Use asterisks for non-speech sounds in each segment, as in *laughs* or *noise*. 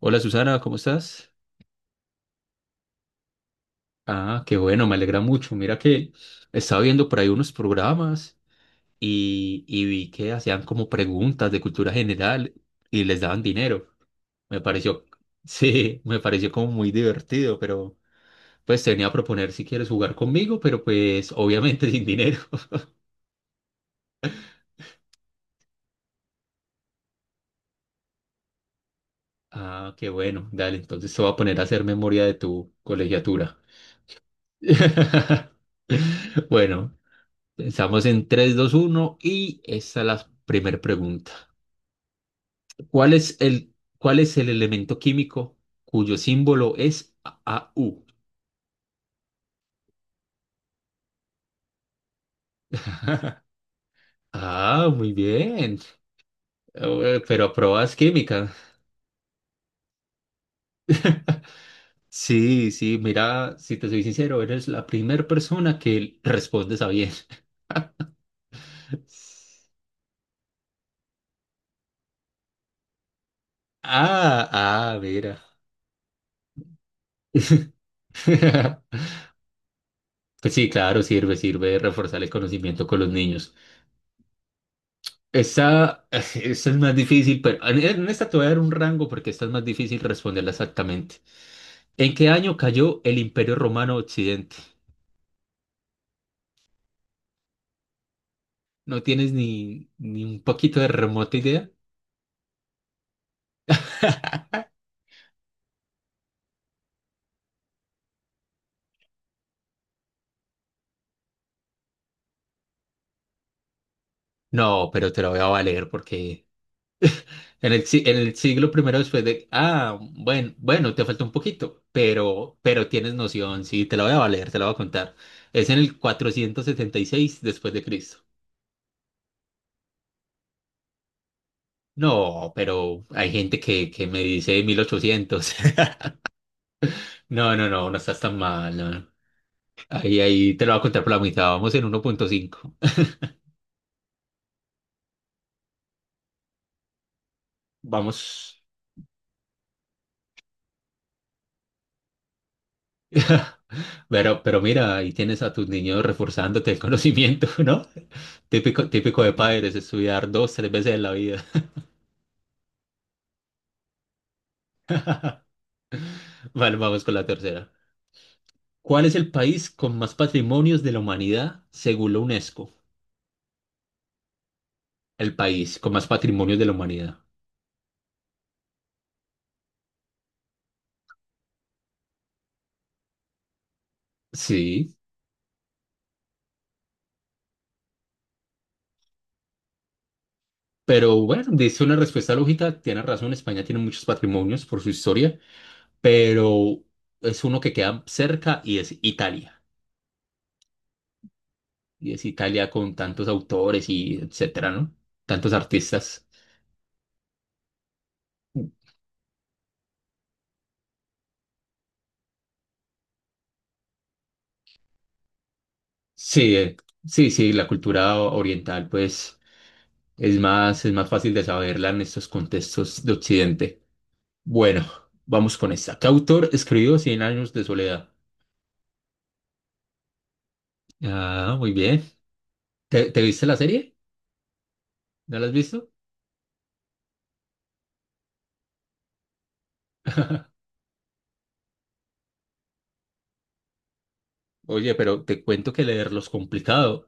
Hola Susana, ¿cómo estás? Ah, qué bueno, me alegra mucho. Mira que estaba viendo por ahí unos programas y vi que hacían como preguntas de cultura general y les daban dinero. Me pareció, *laughs* sí, me pareció como muy divertido, pero pues te venía a proponer si quieres jugar conmigo, pero pues obviamente *laughs* sin dinero. Ah, qué bueno, dale, entonces te voy a poner a hacer memoria de tu colegiatura. *laughs* Bueno, estamos en tres dos uno y esta es la primera pregunta. ¿Cuál es cuál es el elemento químico cuyo símbolo es AU? *laughs* Ah, muy bien. Pero aprobas química. *laughs* Sí, sí, mira, si te soy sincero, eres la primera persona que responde a bien. *laughs* Ah, ah, mira. *laughs* Pues sí, claro, sirve, sirve reforzar el conocimiento con los niños. Esta, *laughs* esta es más difícil, pero en esta te voy a dar un rango porque esta es más difícil responderla exactamente. ¿En qué año cayó el Imperio Romano Occidente? ¿No tienes ni un poquito de remota idea? No, pero te lo voy a valer porque en el, si- en el siglo primero después de... Ah, bueno, bueno, te falta un poquito, pero tienes noción, sí, te la voy a valer, te la voy a contar. Es en el 476 después de Cristo. No, pero hay gente que me dice mil ochocientos. *laughs* No, no, no, no estás tan mal, no. Ahí, ahí te lo voy a contar por la mitad. Vamos en 1.5. Vamos. *laughs* Pero mira, ahí tienes a tus niños reforzándote el conocimiento, *laughs* ¿no? Típico, típico de padres, estudiar dos, tres veces en la vida. *laughs* Vale, vamos con la tercera. ¿Cuál es el país con más patrimonios de la humanidad según la UNESCO? El país con más patrimonios de la humanidad. Sí, pero bueno, dice una respuesta lógica, tiene razón, España tiene muchos patrimonios por su historia, pero es uno que queda cerca y es Italia. Y es Italia con tantos autores y etcétera, ¿no? Tantos artistas. Sí, sí, sí, la cultura oriental, pues, es más fácil de saberla en estos contextos de Occidente. Bueno, vamos con esta. ¿Qué autor escribió Cien años de soledad? Ah, muy bien. ¿Te viste la serie? ¿No la has visto? Oye, pero te cuento que leerlo es complicado.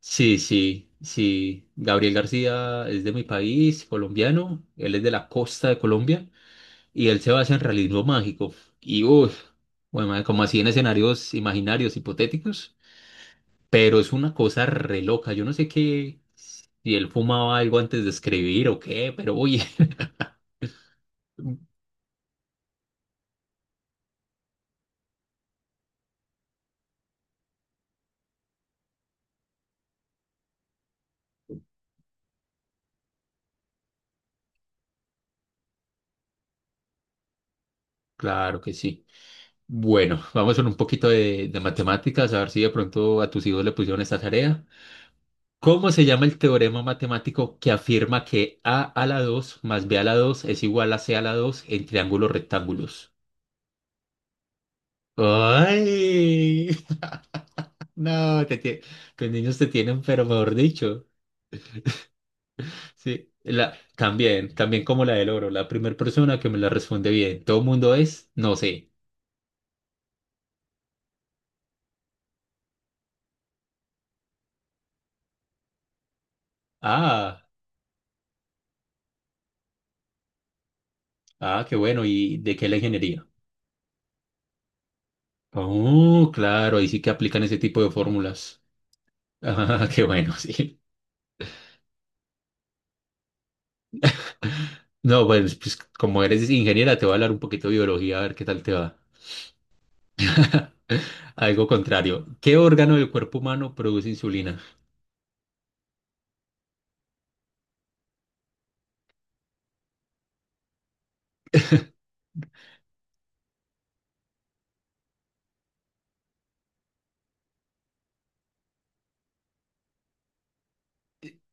Sí, sí, sí. Gabriel García es de mi país, colombiano. Él es de la costa de Colombia y él se basa en realismo mágico. Y uff, bueno, como así en escenarios imaginarios, hipotéticos. Pero es una cosa re loca. Yo no sé qué, si él fumaba algo antes de escribir o qué, pero oye, *laughs* claro que sí. Bueno, vamos con un poquito de matemáticas, a ver si de pronto a tus hijos le pusieron esta tarea. ¿Cómo se llama el teorema matemático que afirma que a la 2 más b a la dos es igual a c a la 2 en triángulos rectángulos? ¡Ay! *laughs* No, los niños te tienen, pero mejor dicho. Sí, la, también, también como la del oro, la primera persona que me la responde bien. Todo el mundo es, no sé. Ah, ah, qué bueno. ¿Y de qué la ingeniería? Oh, claro, ahí sí que aplican ese tipo de fórmulas. *laughs* Ah, qué bueno, *laughs* sí. No, pues, pues como eres ingeniera, te voy a hablar un poquito de biología, a ver qué tal te va. *laughs* Algo contrario. ¿Qué órgano del cuerpo humano produce insulina?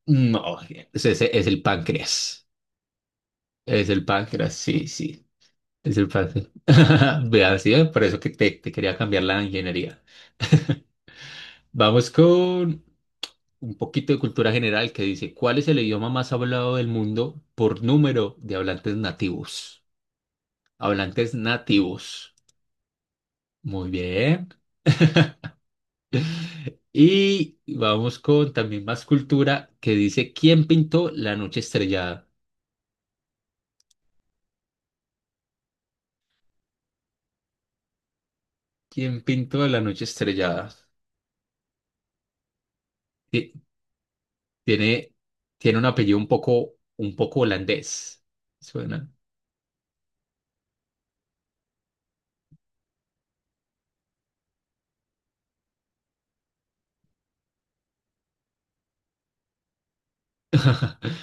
No, es el páncreas. Es el páncreas, sí, sí. Es el páncreas. *laughs* Vea, sí, por eso que te quería cambiar la ingeniería. Vamos con un poquito de cultura general que dice, ¿cuál es el idioma más hablado del mundo por número de hablantes nativos? Hablantes nativos. Muy bien. Y vamos con también más cultura que dice, ¿quién pintó la noche estrellada? ¿Quién pintó la noche estrellada? Ti- Tiene, tiene un apellido un poco holandés. Suena. *laughs*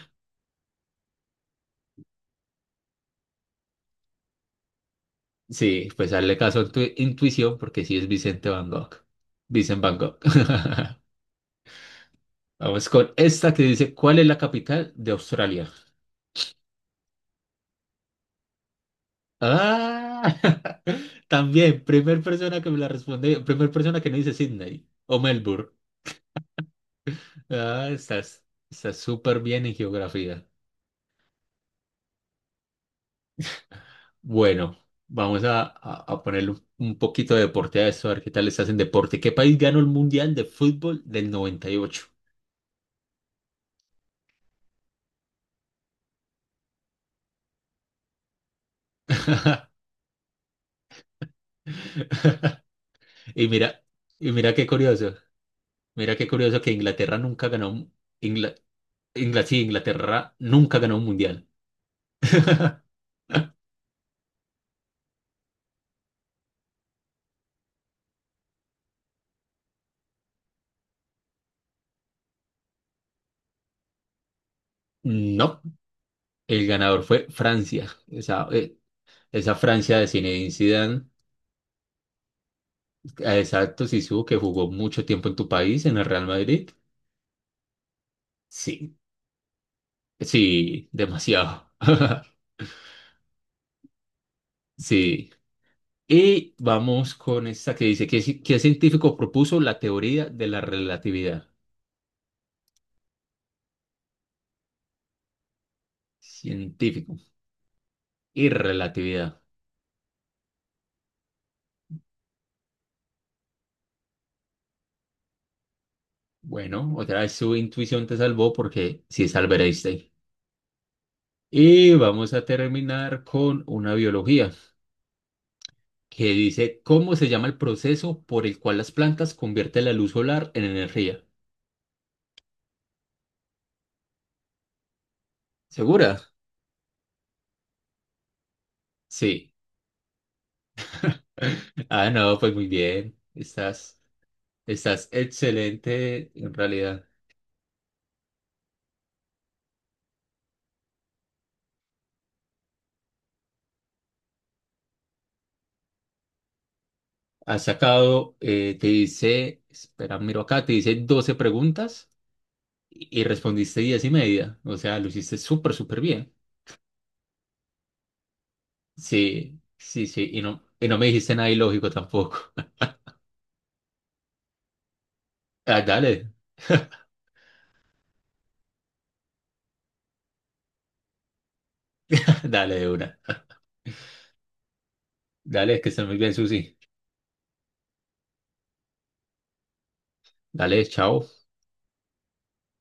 Sí, pues hazle caso a tu intuición porque sí es Vicente Van Gogh. Vicente Van Gogh. *laughs* Vamos con esta que dice, ¿cuál es la capital de Australia? Ah, *laughs* también, primer persona que me la responde, primer persona que no dice Sydney o Melbourne. Ah, estás, estás súper bien en geografía. Bueno, vamos a ponerle un poquito de deporte a esto, a ver qué tal estás en deporte. ¿Qué país ganó el Mundial de Fútbol del 98? ¿Y ocho? *laughs* Y mira, y mira qué curioso que Inglaterra nunca ganó, Ingla, sí, Inglaterra nunca ganó un Mundial. No, el ganador fue Francia. Esa, esa Francia de Zinedine Zidane, exacto, Zizou, que jugó mucho tiempo en tu país, en el Real Madrid. Sí, sí, demasiado. *laughs* Sí. Y vamos con esta que dice, qué científico propuso la teoría de la relatividad? Científico y relatividad. Bueno, otra vez su intuición te salvó porque sí es Albert Einstein. Y vamos a terminar con una biología que dice, ¿cómo se llama el proceso por el cual las plantas convierten la luz solar en energía? ¿Segura? Sí. *laughs* Ah, no, pues muy bien. Estás... Estás excelente, en realidad. Has sacado, te dice, espera, miro acá, te dice 12 preguntas y respondiste 10 y media. O sea, lo hiciste súper, súper bien. Sí, sí, sí. Y no me dijiste nada ilógico tampoco. *laughs* Ah, dale, *laughs* dale de una. Dale, que estés muy bien, Susi. Dale, chao.